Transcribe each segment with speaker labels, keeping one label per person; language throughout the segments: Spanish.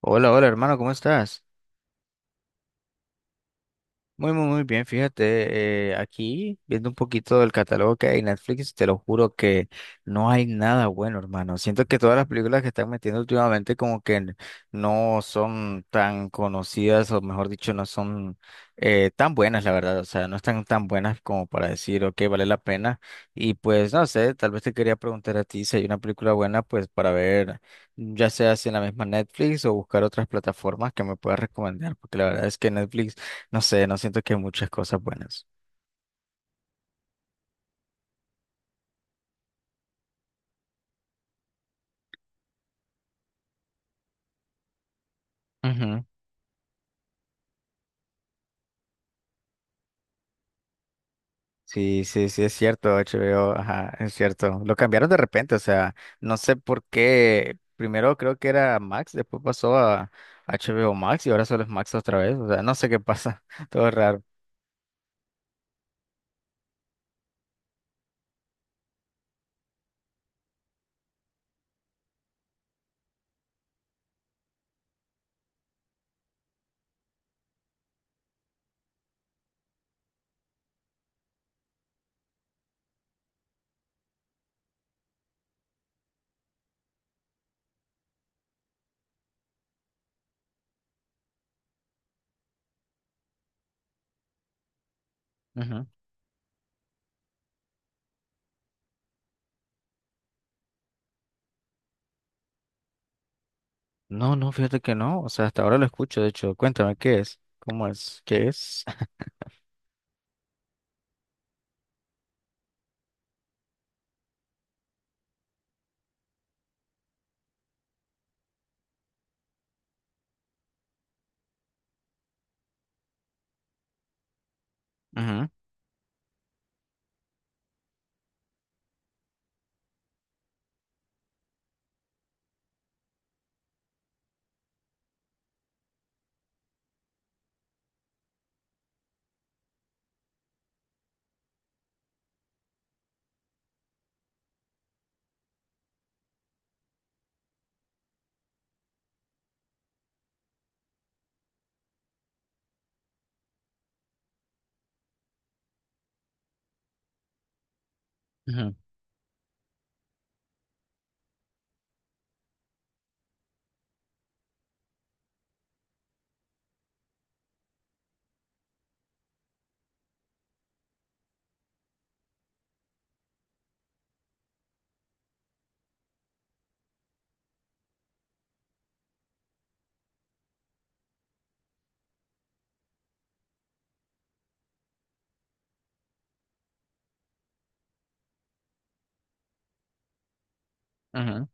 Speaker 1: Hola, hola hermano, ¿cómo estás? Muy bien, fíjate, aquí viendo un poquito del catálogo que hay en Netflix, te lo juro que no hay nada bueno, hermano. Siento que todas las películas que están metiendo últimamente como que no son tan conocidas o mejor dicho, no son tan buenas, la verdad. O sea, no están tan buenas como para decir, ok, vale la pena. Y pues, no sé, tal vez te quería preguntar a ti si hay una película buena, pues para ver, ya sea si en la misma Netflix o buscar otras plataformas que me puedas recomendar, porque la verdad es que Netflix... No sé, no siento que muchas cosas buenas. Ujú. Sí, sí, sí, es cierto, HBO, ajá, es cierto. Lo cambiaron de repente, o sea, no sé por qué. Primero creo que era Max, después pasó a HBO Max y ahora solo es Max otra vez. O sea, no sé qué pasa, todo es raro. Ujú. No, no, fíjate que no, o sea, hasta ahora lo escucho, de hecho, cuéntame qué es, cómo es, qué es. Ujú, ujú, ujú,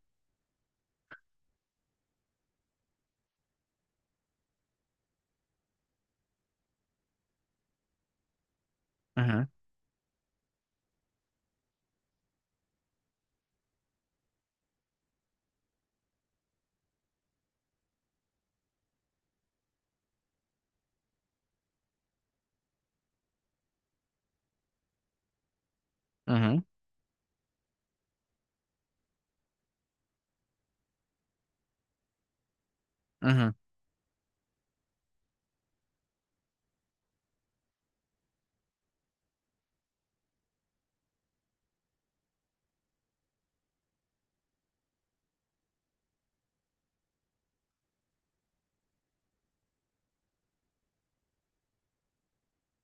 Speaker 1: ujú, ujú, ujú.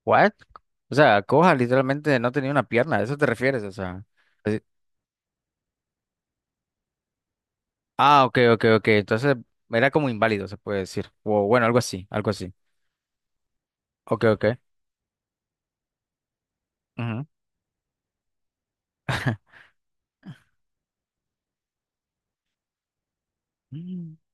Speaker 1: What? O sea, Coja literalmente no tenía una pierna, ¿a eso te refieres? O sea. Ah, ok, ok, ok. Entonces era como inválido, se puede decir. O bueno, algo así, algo así. Ok, ok. Ujú.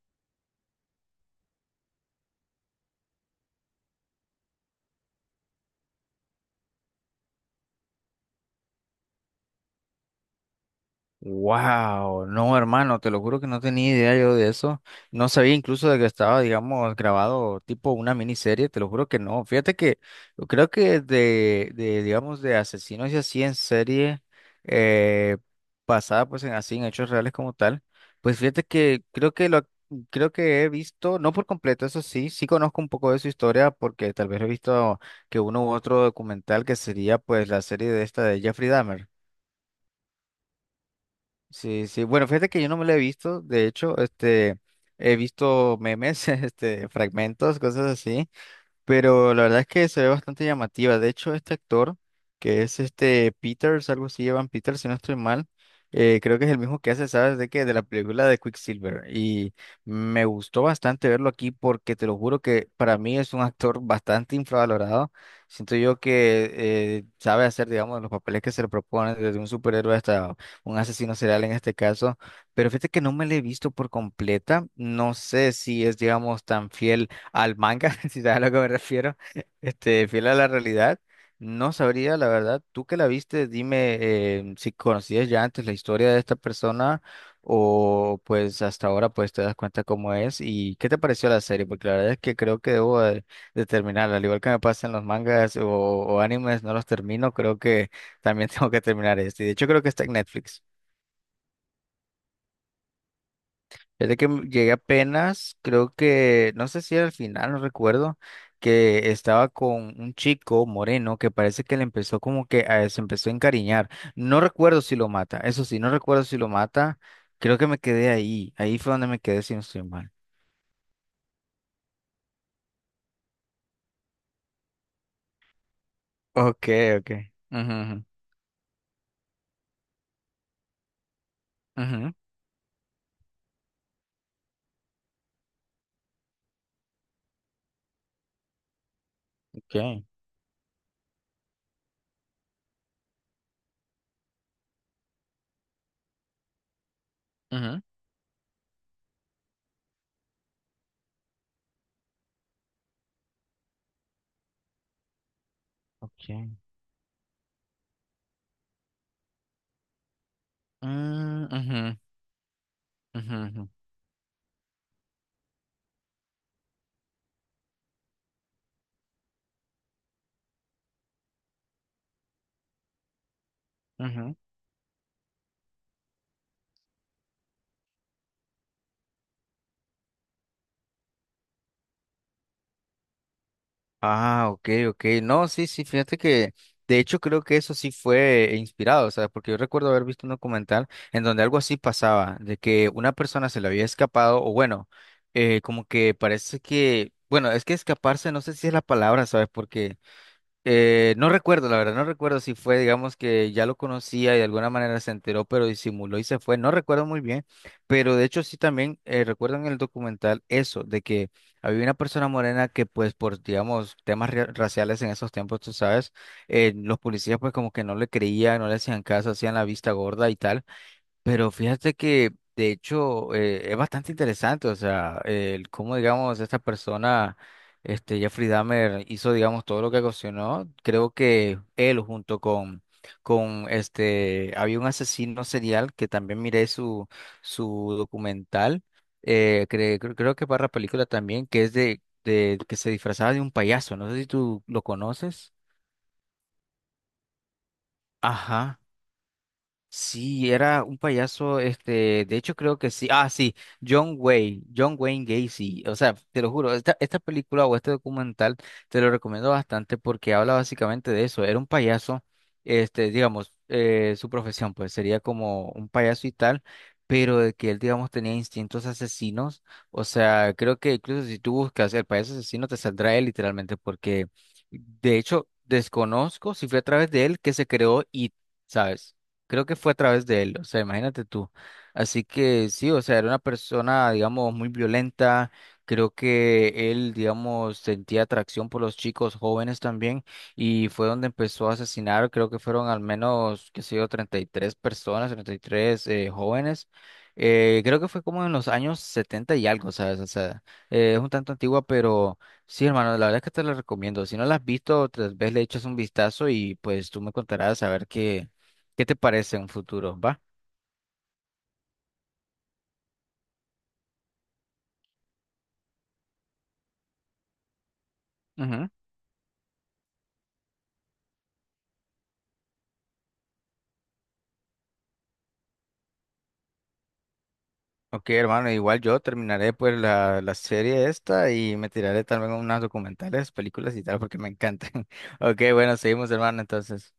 Speaker 1: Wow, no, hermano, te lo juro que no tenía idea yo de eso. No sabía incluso de que estaba, digamos, grabado tipo una miniserie, te lo juro que no. Fíjate que yo creo que de digamos, de asesinos y así en serie eh, basada pues en así en hechos reales como tal, pues fíjate que creo que he visto, no por completo, eso sí, sí conozco un poco de su historia porque tal vez he visto que uno u otro documental que sería pues la serie de esta de Jeffrey Dahmer. Sí, sí. Bueno, fíjate que yo no me la he visto. De hecho, este, he visto memes, este, fragmentos, cosas así. Pero la verdad es que se ve bastante llamativa. De hecho, este actor, que es este Peters, algo así, Evan Peters, si no estoy mal, creo que es el mismo que hace, ¿sabes? De que de la película de Quicksilver. Y me gustó bastante verlo aquí porque te lo juro que para mí es un actor bastante infravalorado. Siento yo que sabe hacer, digamos, los papeles que se le proponen, desde un superhéroe hasta un asesino serial en este caso. Pero fíjate que no me lo he visto por completa. No sé si es, digamos, tan fiel al manga, si sabes a lo que me refiero, este, fiel a la realidad. No sabría, la verdad, tú que la viste, dime si conocías ya antes la historia de esta persona o pues hasta ahora pues te das cuenta cómo es y qué te pareció la serie, porque la verdad es que creo que debo de terminarla, al igual que me pasa en los mangas o animes, no los termino, creo que también tengo que terminar este, y de hecho creo que está en Netflix. Fíjate que llegué apenas, creo que, no sé si era al final, no recuerdo, que estaba con un chico moreno que parece que le empezó como que a, se empezó a encariñar. No recuerdo si lo mata, eso sí, no recuerdo si lo mata. Creo que me quedé ahí, ahí fue donde me quedé si no estoy mal. Ok, ok. Ujú, ujú, ujú, ok, ujú, ok. Mm, ujú, ujú, ujú, ujú. Ah, ok, ok. No, sí, sí, fíjate que de hecho creo que eso sí fue inspirado, o sea, porque yo recuerdo haber visto un documental en donde algo así pasaba, de que una persona se le había escapado, o bueno, como que parece que, bueno, es que escaparse no sé si es la palabra, ¿sabes? Porque no recuerdo, la verdad, no recuerdo si fue, digamos que ya lo conocía y de alguna manera se enteró, pero disimuló y se fue. No recuerdo muy bien, pero de hecho sí también recuerdo en el documental eso, de que había una persona morena que pues por, digamos, temas raciales en esos tiempos, tú sabes, los policías pues como que no le creían, no le hacían caso, hacían la vista gorda y tal. Pero fíjate que de hecho es bastante interesante, o sea, el cómo digamos esta persona, este Jeffrey Dahmer hizo digamos todo lo que ocasionó. Creo que él junto con este había un asesino serial que también miré su su documental, creo que para la película también que es de que se disfrazaba de un payaso. No sé si tú lo conoces. Ajá. Sí, era un payaso, este, de hecho creo que sí, ah, sí, John Wayne, John Wayne Gacy, o sea, te lo juro, esta película o este documental te lo recomiendo bastante porque habla básicamente de eso, era un payaso, este, digamos, su profesión, pues sería como un payaso y tal, pero de que él, digamos, tenía instintos asesinos, o sea, creo que incluso si tú buscas el payaso asesino te saldrá él literalmente porque, de hecho, desconozco si fue a través de él que se creó y, ¿sabes? Creo que fue a través de él, o sea, imagínate tú. Así que sí, o sea, era una persona, digamos, muy violenta. Creo que él, digamos, sentía atracción por los chicos jóvenes también y fue donde empezó a asesinar. Creo que fueron al menos, qué sé yo, 33 personas, 33 jóvenes. Creo que fue como en los años 70 y algo, ¿sabes? O sea, es un tanto antigua, pero sí, hermano, la verdad es que te la recomiendo. Si no la has visto, tal vez le echas un vistazo y pues tú me contarás a ver qué ¿Qué te parece un futuro? ¿Va? Ujú. Ok, hermano, igual yo terminaré pues la serie esta y me tiraré también unas documentales, películas y tal, porque me encantan. Ok, bueno, seguimos, hermano, entonces.